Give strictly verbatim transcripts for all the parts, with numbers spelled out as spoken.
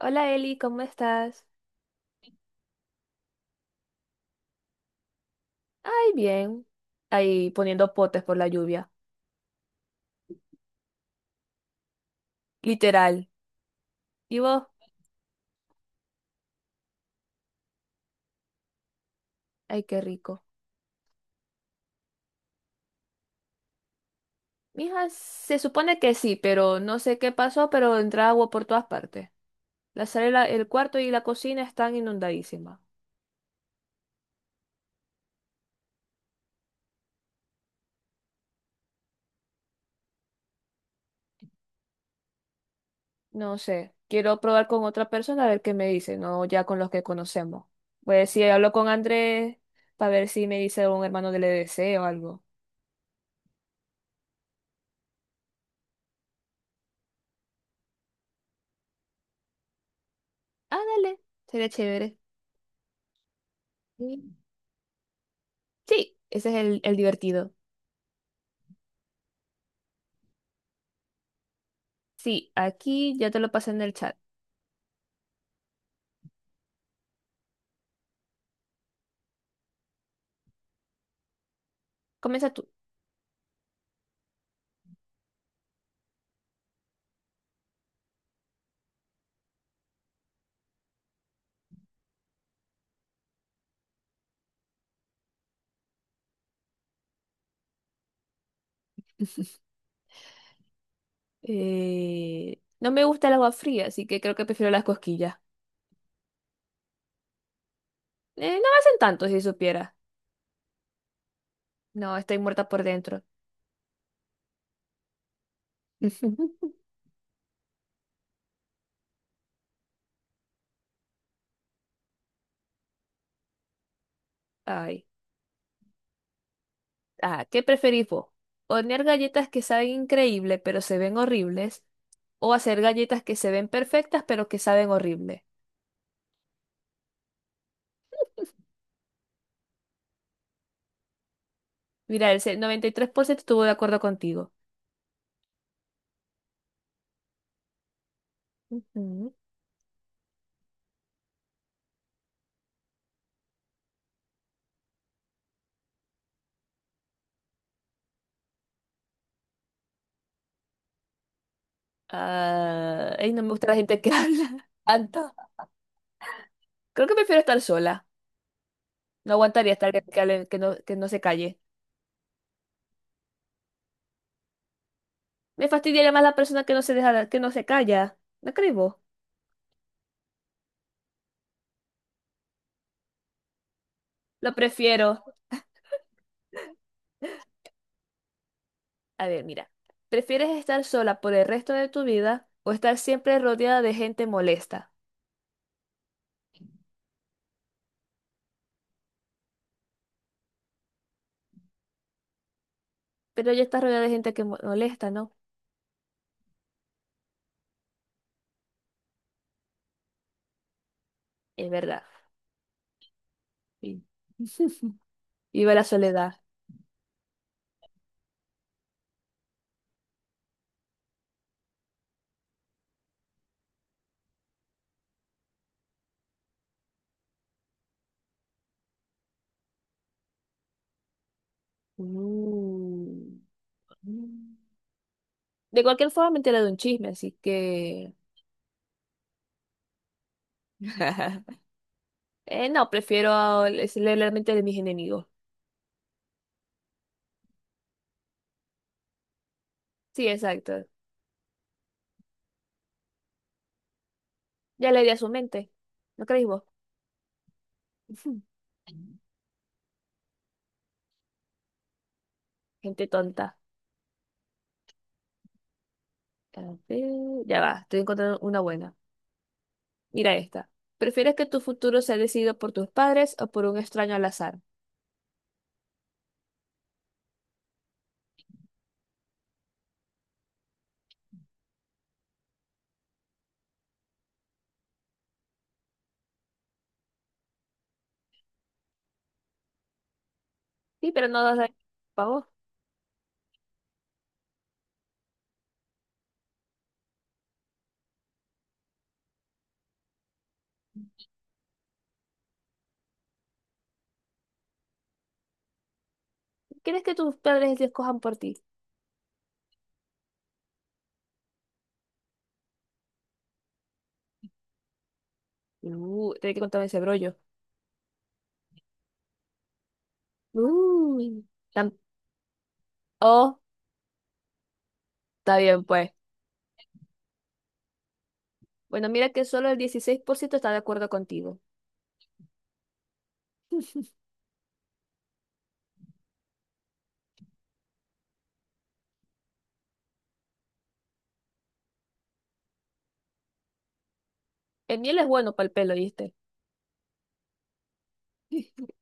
Hola Eli, ¿cómo estás? Ay, bien. Ahí poniendo potes por la lluvia. Literal. ¿Y vos? Ay, qué rico. Mija, se supone que sí, pero no sé qué pasó, pero entra agua por todas partes. La sala, el cuarto y la cocina están inundadísimas. No sé. Quiero probar con otra persona a ver qué me dice, no ya con los que conocemos. Voy a decir, hablo con Andrés para ver si me dice un hermano del E D C o algo. Ah, dale. Sería chévere. Sí, sí, ese es el, el divertido. Sí, aquí ya te lo pasé en el chat. Comienza tú. Eh, no me gusta el agua fría, así que creo que prefiero las cosquillas. Eh, no me hacen tanto si supiera. No, estoy muerta por dentro. Ay. Ah, ¿qué preferís vos? ¿Hornear galletas que saben increíble pero se ven horribles? ¿O hacer galletas que se ven perfectas pero que saben horrible? Mira, el se- noventa y tres por ciento estuvo de acuerdo contigo. Ujú. Ah, ay, no me gusta la gente que habla tanto. Creo que prefiero estar sola. No aguantaría estar que, que que no, que no se calle. Me fastidiaría más la persona que no se deja, que no se calla. ¿No crees vos? Lo prefiero. A ver, mira. ¿Prefieres estar sola por el resto de tu vida o estar siempre rodeada de gente molesta? Pero ya estás rodeada de gente que mo- molesta, ¿no? Es verdad. Sí. Viva la soledad. Uh. De cualquier forma me enteré de un chisme, así que... Eh, no, prefiero a- leer la mente de mis enemigos. Sí, exacto. Ya le di a su mente. ¿No creéis vos? Ujú. Gente tonta. A ver, ya va, estoy encontrando una buena. Mira esta. ¿Prefieres que tu futuro sea decidido por tus padres o por un extraño al azar? Sí, pero no das para vos. ¿Quieres que tus padres te escojan por ti? Uh, tenés que contarme ese brollo. Uy. Tam- oh, está bien, pues. Bueno, mira que solo el dieciséis por ciento está de acuerdo contigo. El miel es bueno para el pelo, ¿viste?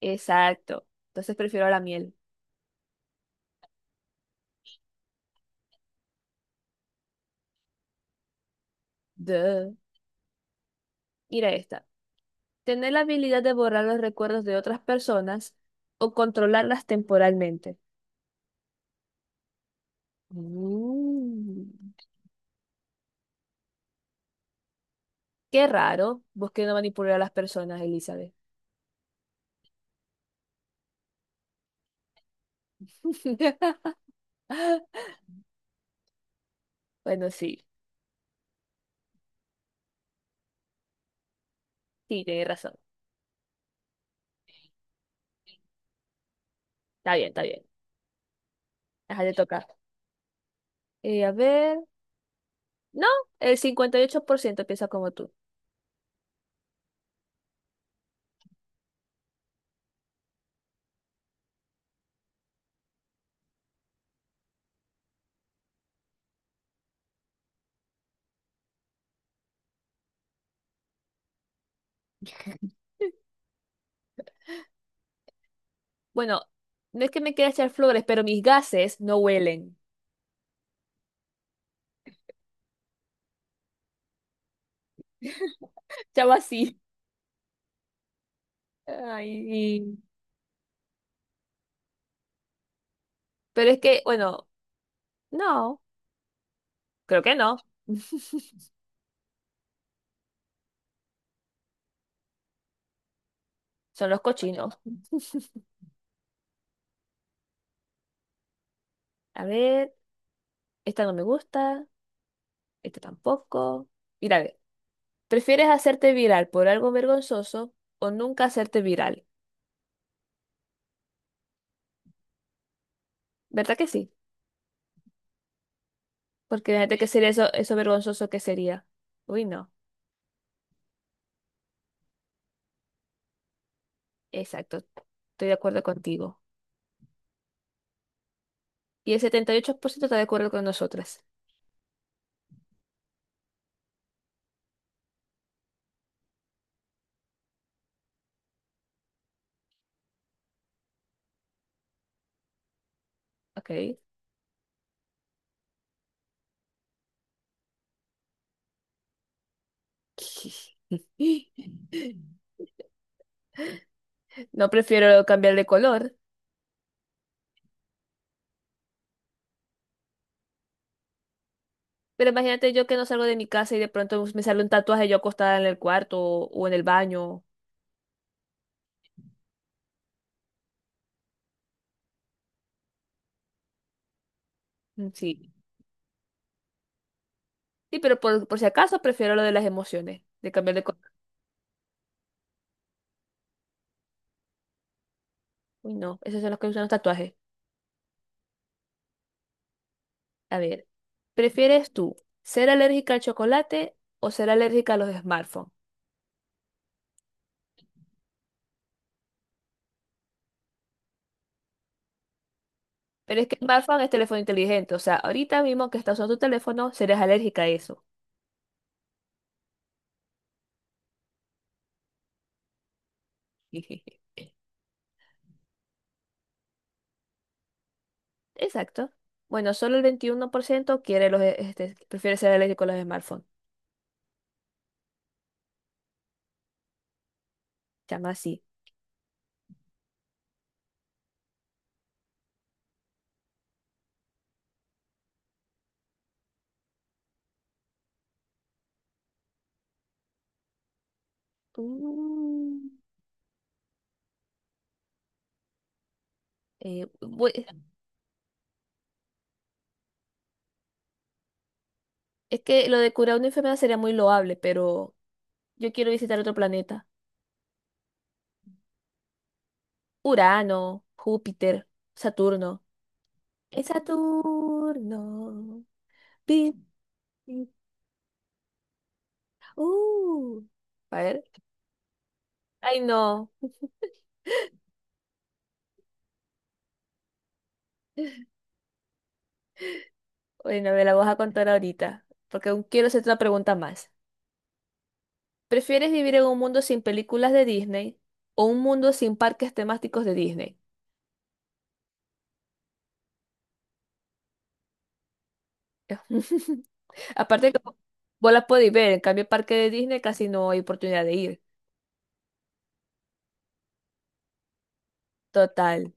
Exacto. Entonces prefiero la miel. Duh. Mira esta. Tener la habilidad de borrar los recuerdos de otras personas o controlarlas temporalmente. Mm, qué raro. Vos que no manipular a las personas, Elizabeth. Bueno, sí, sí, tenés razón. Está bien, está bien. Ajá, le toca. Eh, a ver. No, el cincuenta y ocho por ciento piensa como tú. Bueno, no es que me quiera echar flores, pero mis gases no huelen. Chavo así. Ay, y- pero es que, bueno, no, creo que no. Son los cochinos. A ver. Esta no me gusta, esta tampoco. Mira, a ver, ¿prefieres hacerte viral por algo vergonzoso o nunca hacerte viral? ¿Verdad que sí? Porque imagínate que sería eso, eso vergonzoso que sería. Uy, no. Exacto. Estoy de acuerdo contigo. Y el setenta y ocho por ciento está de acuerdo con nosotras. Ok. No prefiero cambiar de color. Pero imagínate yo que no salgo de mi casa y de pronto me sale un tatuaje yo acostada en el cuarto o, o en el baño. Mm, sí. Sí, pero por, por si acaso prefiero lo de las emociones, de cambiar de color. Uy, no, esas son las que usan los tatuajes. A ver, ¿prefieres tú ser alérgica al chocolate o ser alérgica a los smartphones? Pero es que el smartphone es teléfono inteligente, o sea, ahorita mismo que estás usando tu teléfono, serás alérgica a eso. Exacto. Bueno, solo el veintiuno por ciento quiere los, e- este, prefiere ser alérgico a los smartphones. Llama así. Mm, eh, bu- es que lo de curar una enfermedad sería muy loable, pero yo quiero visitar otro planeta. Urano, Júpiter, Saturno. Es Saturno. Pin, pin. Uh. A ver. Ay, no. Bueno, me la vas a contar ahorita, porque aún quiero hacerte una pregunta más. ¿Prefieres vivir en un mundo sin películas de Disney o un mundo sin parques temáticos de Disney? Aparte que vos las podéis ver, en cambio, parque de Disney casi no hay oportunidad de ir. Total,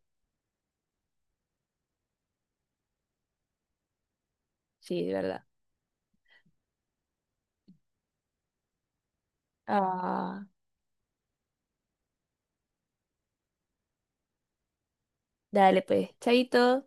sí, de verdad. Ah, dale pues, chaito.